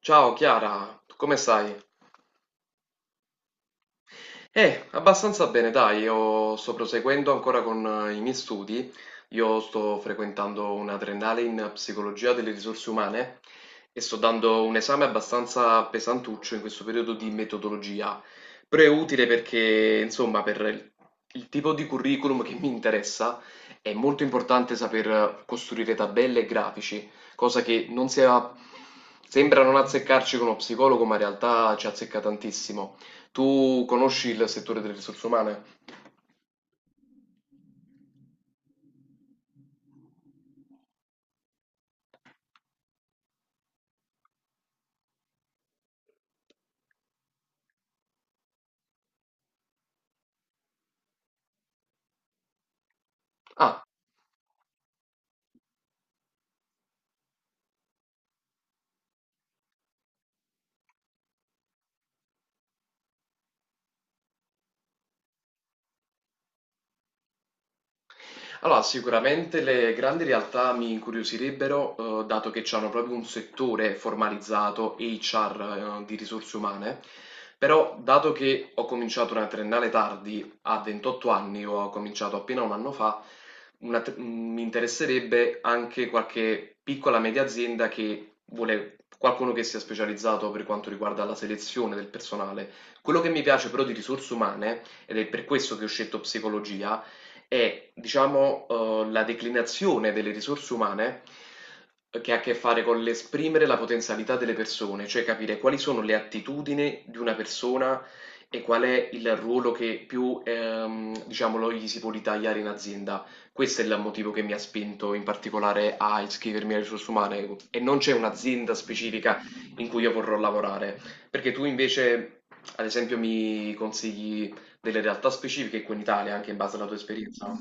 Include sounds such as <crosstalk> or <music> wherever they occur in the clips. Ciao Chiara, come stai? Abbastanza bene, dai. Io sto proseguendo ancora con i miei studi, io sto frequentando una triennale in psicologia delle risorse umane e sto dando un esame abbastanza pesantuccio in questo periodo di metodologia, però è utile perché, insomma, per il tipo di curriculum che mi interessa è molto importante saper costruire tabelle e grafici, cosa che non sia... Sembra non azzeccarci con lo psicologo, ma in realtà ci azzecca tantissimo. Tu conosci il settore delle risorse umane? Ah. Allora, sicuramente le grandi realtà mi incuriosirebbero, dato che hanno proprio un settore formalizzato, HR, di risorse umane, però dato che ho cominciato una triennale tardi, a 28 anni, ho cominciato appena un anno fa, una tr- mi interesserebbe anche qualche piccola media azienda che vuole qualcuno che sia specializzato per quanto riguarda la selezione del personale. Quello che mi piace però di risorse umane, ed è per questo che ho scelto psicologia, è, diciamo, la declinazione delle risorse umane che ha a che fare con l'esprimere la potenzialità delle persone, cioè capire quali sono le attitudini di una persona e qual è il ruolo che più, diciamo, lo gli si può ritagliare in azienda. Questo è il motivo che mi ha spinto in particolare a iscrivermi alle risorse umane e non c'è un'azienda specifica in cui io vorrò lavorare. Perché tu invece, ad esempio, mi consigli delle realtà specifiche qui in Italia, anche in base alla tua esperienza?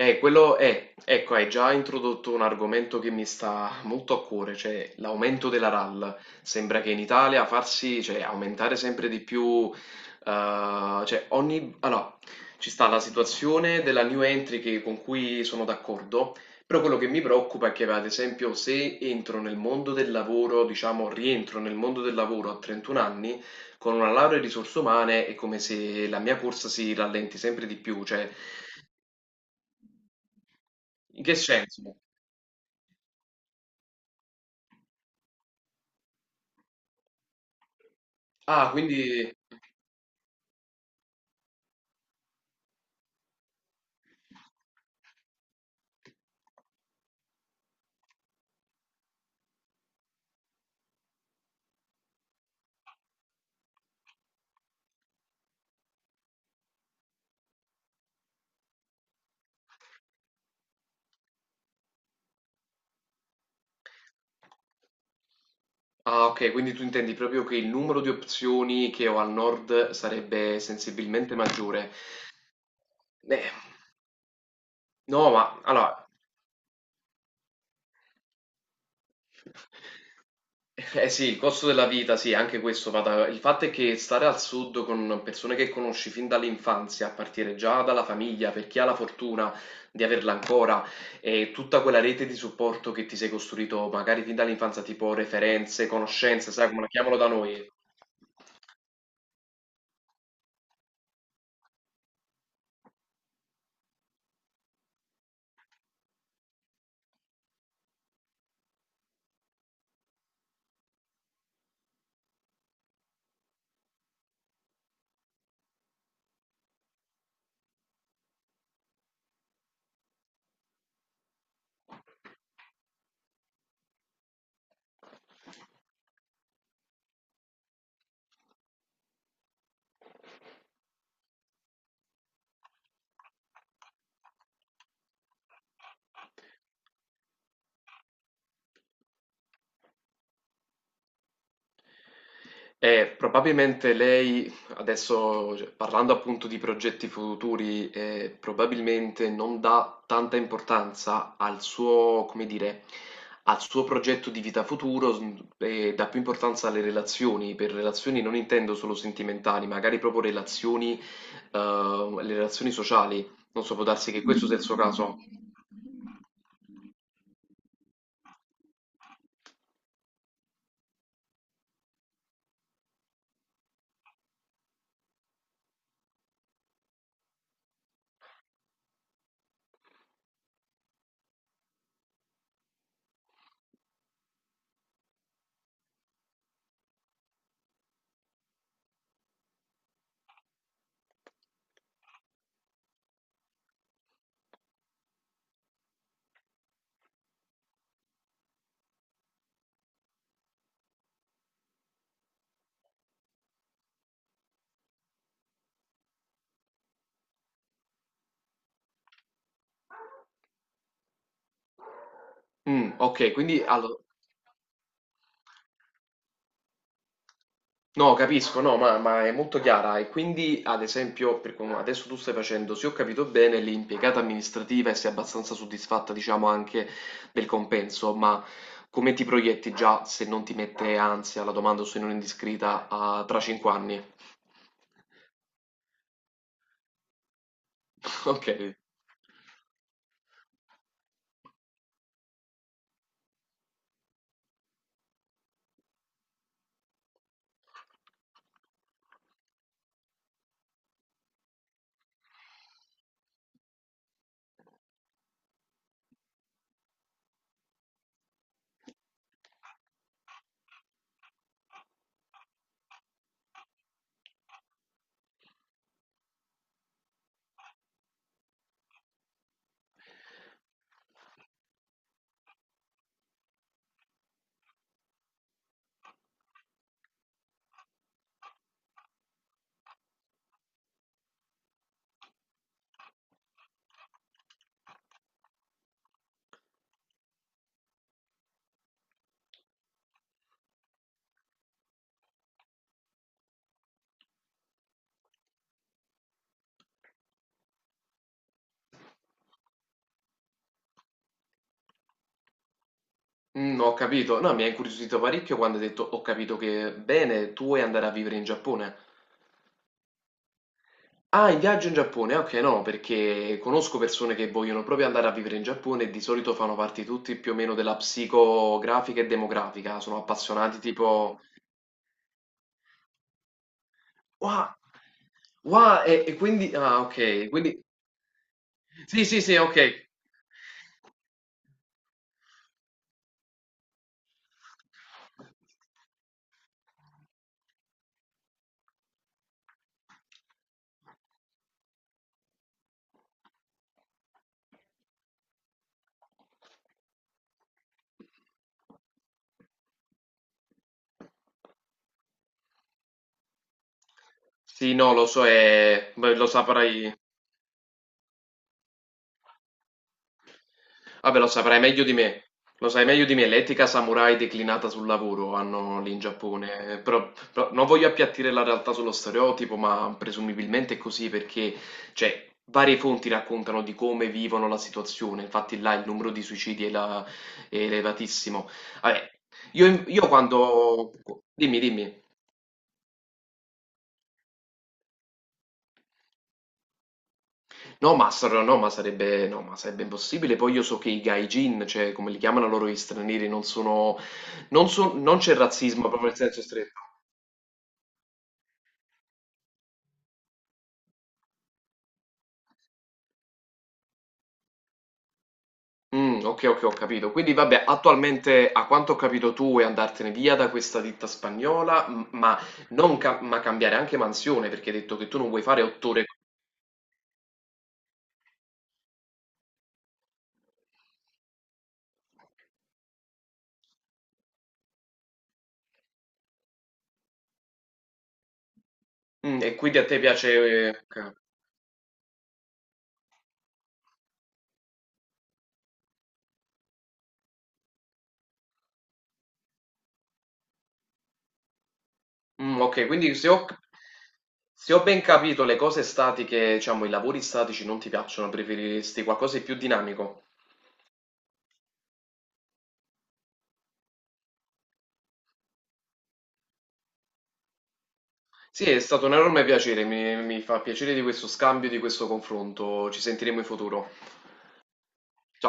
Quello è, ecco, hai già introdotto un argomento che mi sta molto a cuore, cioè l'aumento della RAL. Sembra che in Italia farsi, cioè, aumentare sempre di più, cioè ogni... Allora, ci sta la situazione della new entry che- con cui sono d'accordo, però quello che mi preoccupa è che, ad esempio, se entro nel mondo del lavoro, diciamo, rientro nel mondo del lavoro a 31 anni, con una laurea in risorse umane è come se la mia corsa si rallenti sempre di più, cioè... In che senso? Ah, quindi... Ah, ok, quindi tu intendi proprio che il numero di opzioni che ho al nord sarebbe sensibilmente maggiore. Eh, no, ma allora... <laughs> Eh sì, il costo della vita, sì, anche questo va da... Il fatto è che stare al sud con persone che conosci fin dall'infanzia, a partire già dalla famiglia, per chi ha la fortuna di averla ancora, e tutta quella rete di supporto che ti sei costruito magari fin dall'infanzia, tipo referenze, conoscenze, sai come la chiamano da noi. Probabilmente lei, adesso cioè, parlando appunto di progetti futuri, probabilmente non dà tanta importanza al suo, come dire, al suo progetto di vita futuro s- e dà più importanza alle relazioni. Per relazioni non intendo solo sentimentali, magari proprio relazioni, le relazioni sociali. Non so, può darsi che questo sia il suo caso. Mm, ok, quindi allo- No, capisco, no, ma è molto chiara. E quindi, ad esempio, per come adesso tu stai facendo, se ho capito bene, l'impiegata amministrativa e sei abbastanza soddisfatta, diciamo, anche del compenso, ma come ti proietti già se non ti mette ansia la domanda o se non è indiscreta a- tra 5 anni? <laughs> Ok. Mm, ho capito. No, mi ha incuriosito parecchio quando hai detto ho capito che bene, tu vuoi andare a vivere in Giappone. Ah, il viaggio in Giappone, ah okay, no, perché conosco persone che vogliono proprio andare a vivere in Giappone e di solito fanno parte tutti più o meno della psicografica e demografica, sono appassionati tipo "Wa wa" e quindi ah okay, quindi sì, sì, sì, okay. Sì, no, lo so, beh, lo saprai. Vabbè, lo saprai meglio di me. Lo sai meglio di me, l'etica samurai declinata sul lavoro hanno lì in Giappone. Però, però non voglio appiattire la realtà sullo stereotipo, ma presumibilmente è così perché, cioè, varie fonti raccontano di come vivono la situazione. Infatti là il numero di suicidi è, la- è elevatissimo. Vabbè, io quando... Dimmi, dimmi. No, ma, sar- no, ma sarebbe, no, ma sarebbe impossibile. Poi io so che i gaijin, cioè come li chiamano loro gli stranieri, non sono, non so- non c'è razzismo proprio nel senso stretto. Mm, ok, ok, ho capito. Quindi vabbè, attualmente a quanto ho capito tu vuoi andartene via da questa ditta spagnola, m- ma, non ca- ma cambiare anche mansione, perché hai detto che tu non vuoi fare 8 ore. Mm, e quindi a te piace... ok. Mm, ok, quindi se ho... Se ho ben capito, le cose statiche, diciamo, i lavori statici non ti piacciono, preferiresti qualcosa di più dinamico? Sì, è stato un enorme piacere, mi fa piacere di questo scambio, di questo confronto. Ci sentiremo in futuro. Ciao.